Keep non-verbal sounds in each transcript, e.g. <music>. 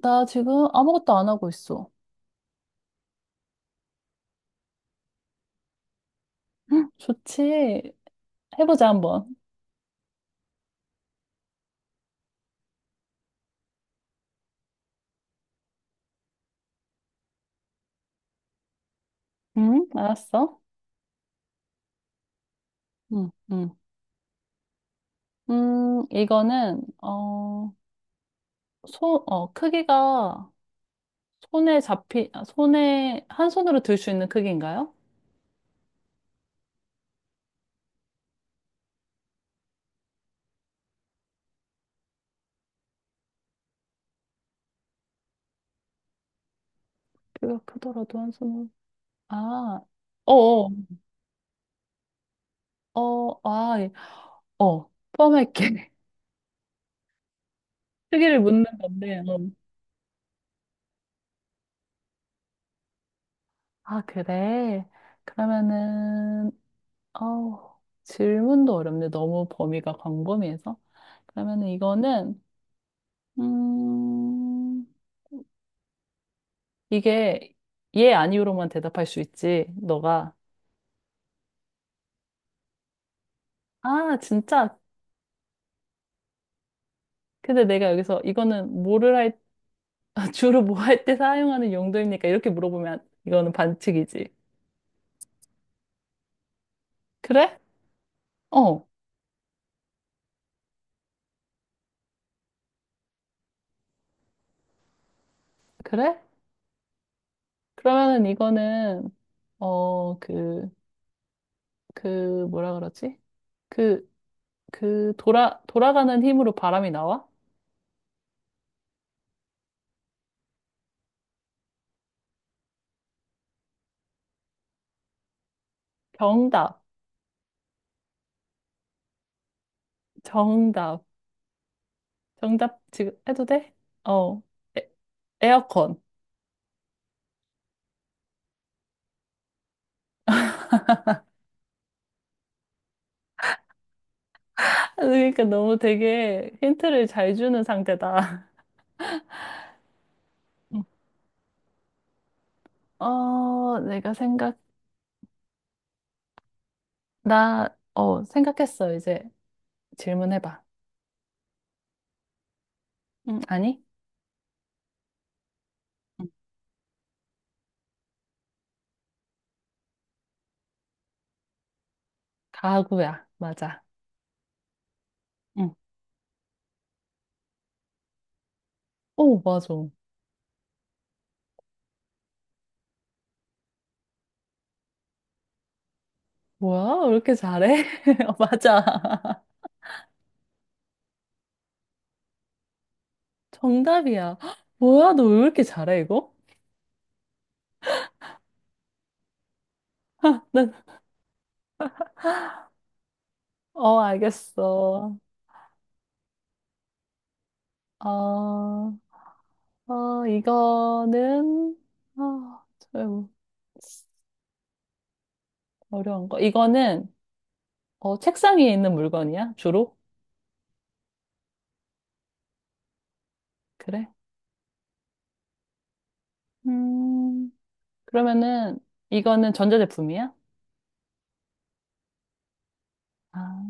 나 지금 아무것도 안 하고 있어. 헉, 좋지. 해보자, 한번. 응, 알았어. 응, 응. 이거는, 손, 크기가 아, 손에, 한 손으로 들 수 있는 크기인가요? 크기가 크더라도 한 손으로. 아, 어어, 아, 예. 포함할게. <laughs> 크기를 묻는 건데, 어. 아, 그래. 그러면은, 아우, 질문도 어렵네. 너무 범위가 광범위해서. 그러면 은 이거는, 음, 이게 예, 아니오로만 대답할 수 있지. 너가, 아, 진짜. 근데 내가 여기서 이거는 뭐를 할, <laughs> 주로 뭐 할 때 사용하는 용도입니까? 이렇게 물어보면 이거는 반칙이지. 그래? 어, 그래? 그러면은 이거는, 어, 그, 뭐라 그러지? 그, 돌아가는 힘으로 바람이 나와? 정답. 정답. 정답 지금 해도 돼? 어. 에, 에어컨. <laughs> 그러니까 너무 되게 힌트를 잘 주는 상대다. <laughs> 응. 어, 내가 생각, 나, 생각했어. 이제 질문해봐. 응, 아니? 응. 가구야. 맞아. 응. 오, 맞아. 뭐야? 왜 이렇게 잘해? <laughs> 어, 맞아. <laughs> 정답이야. <gasps> <laughs> 뭐야? 너 왜 이렇게 잘해, 이거? <laughs> 난- 어, 알겠어. 어. 이거는, 아, 좀 어려운 거. 이거는, 책상 위에 있는 물건이야? 주로? 그래? 음, 그러면은, 이거는 전자제품이야? 아,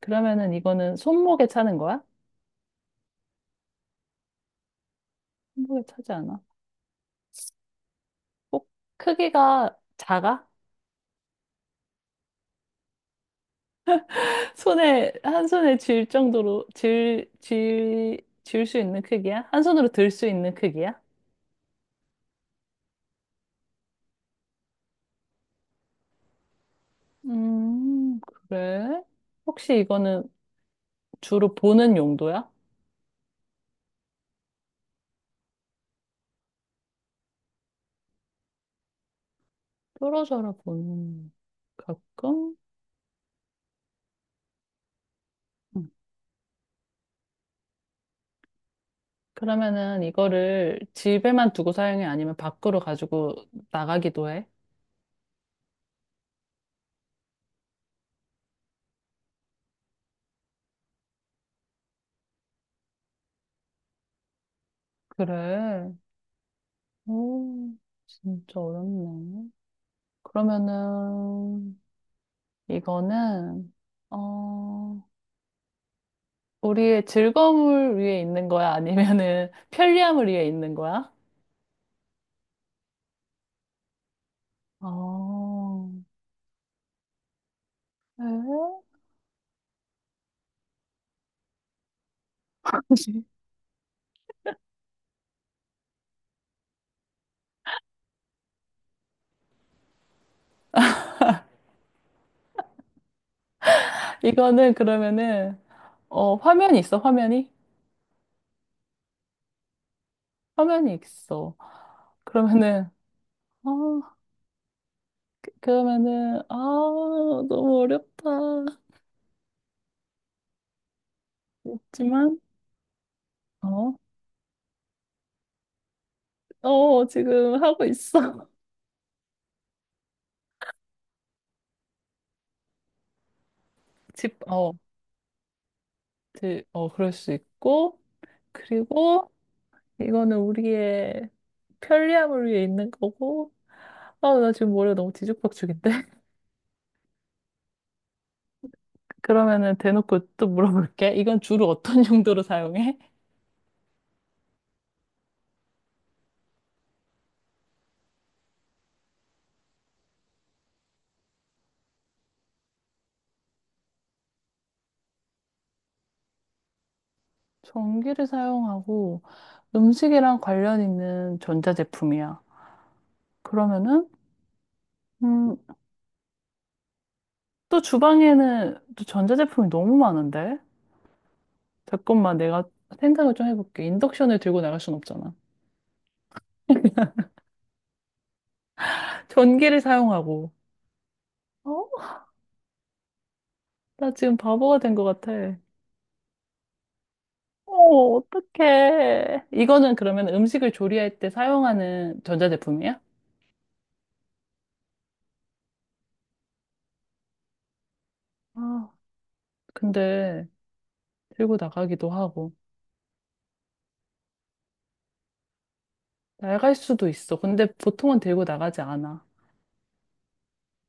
그러면은 이거는 손목에 차는 거야? 손목에 차지 않아. 꼭 크기가 작아? <laughs> 한 손에 쥘 정도로, 쥘 수 있는 크기야? 한 손으로 들 수 있는 크기야? 음, 그래? 혹시 이거는 주로 보는 용도야? 떨어져라 보는 가끔? 음. 그러면은 이거를 집에만 두고 사용해? 아니면 밖으로 가지고 나가기도 해? 그래. 오, 진짜 어렵네. 그러면은 이거는 어, 우리의 즐거움을 위해 있는 거야? 아니면은 <laughs> 편리함을 위해 있는 거야? 어, 에? <laughs> 이거는 그러면은 화면이? 화면이 있어. 그러면은 아, 그러면은, 아, 너무 어렵다. 있지만, 어, 어, 지금 하고 있어. <laughs> 집, 어, 어, 그럴 수 있고, 그리고 이거는 우리의 편리함을 위해 있는 거고, 아, 나 지금 머리가 너무 뒤죽박죽인데? <laughs> 그러면은 대놓고 또 물어볼게. 이건 주로 어떤 <laughs> 용도로 사용해? 전기를 사용하고 음식이랑 관련 있는 전자제품이야. 그러면은, 음, 또 주방에는 또 전자제품이 너무 많은데? 잠깐만 내가 생각을 좀 해볼게. 인덕션을 들고 나갈 순 없잖아. <laughs> 전기를 사용하고. 어? 나 지금 바보가 된 것 같아. 어, 어떡해. 이거는 그러면 음식을 조리할 때 사용하는 전자제품이야? 아, 근데 들고 나가기도 하고. 낡을 수도 있어. 근데 보통은 들고 나가지 않아.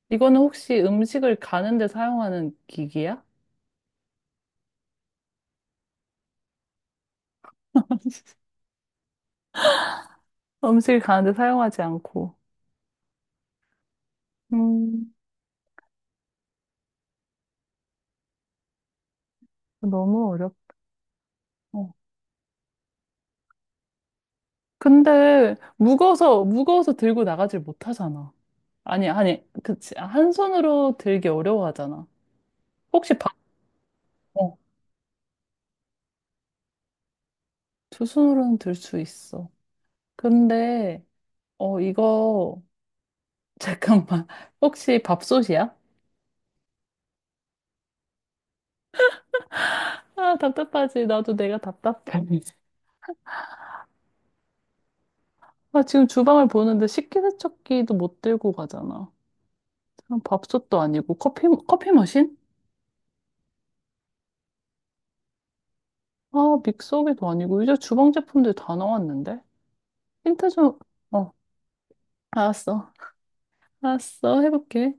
이거는 혹시 음식을 가는데 사용하는 기기야? <laughs> 음식을 가는데 사용하지 않고. 음. 너무 어렵고. 근데 무거워서 들고 나가질 못하잖아. 아니 아니 그치 한 손으로 들기 어려워하잖아. 혹시 바, 어, 두 손으로는 들 수 있어. 근데 어 이거 <laughs> 잠깐만 혹시 밥솥이야? 아, 답답하지. 나도 내가 답답해. 아, 지금 주방을 보는데 식기세척기도 못 들고 가잖아. 그럼 밥솥도 아니고 커피 머신? 아, 믹서기도 아니고 이제 주방 제품들 다 나왔는데. 힌트 좀, 어, 알았어. 알았어. 해볼게.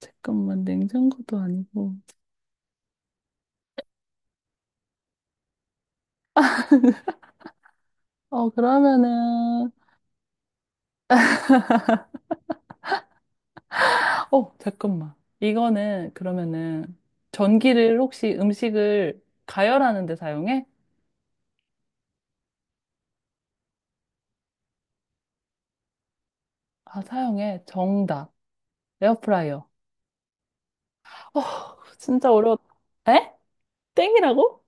잠깐만, 냉장고도 아니고. 어, 그러면은, 어, 잠깐만. 이거는, 그러면은, 전기를 혹시 음식을 가열하는 데 사용해? 아, 사용해. 정답. 에어프라이어. 어, 진짜 어려웠다. 에? 땡이라고?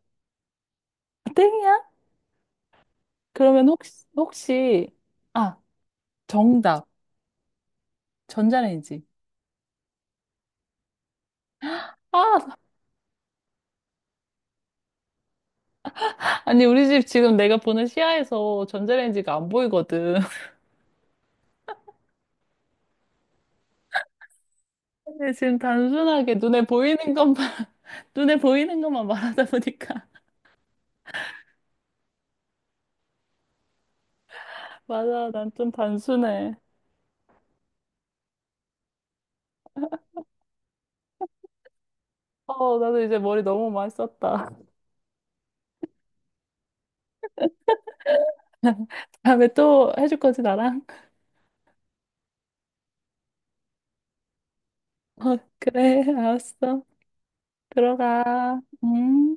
아, 땡이야? 그러면 혹시, 혹시, 아, 정답. 전자레인지. 아, 아니, 우리 집 지금 내가 보는 시야에서 전자레인지가 안 보이거든. 근데 지금 단순하게 눈에 보이는 것만, <laughs> 눈에 보이는 것만 말하다 보니까. <laughs> 맞아, 난 좀 단순해. 어, 나도 이제 머리 너무 많이 썼다. <laughs> 다음에 또 해줄 거지, 나랑? <laughs> 어, 그래, 알았어. 들어가. 음.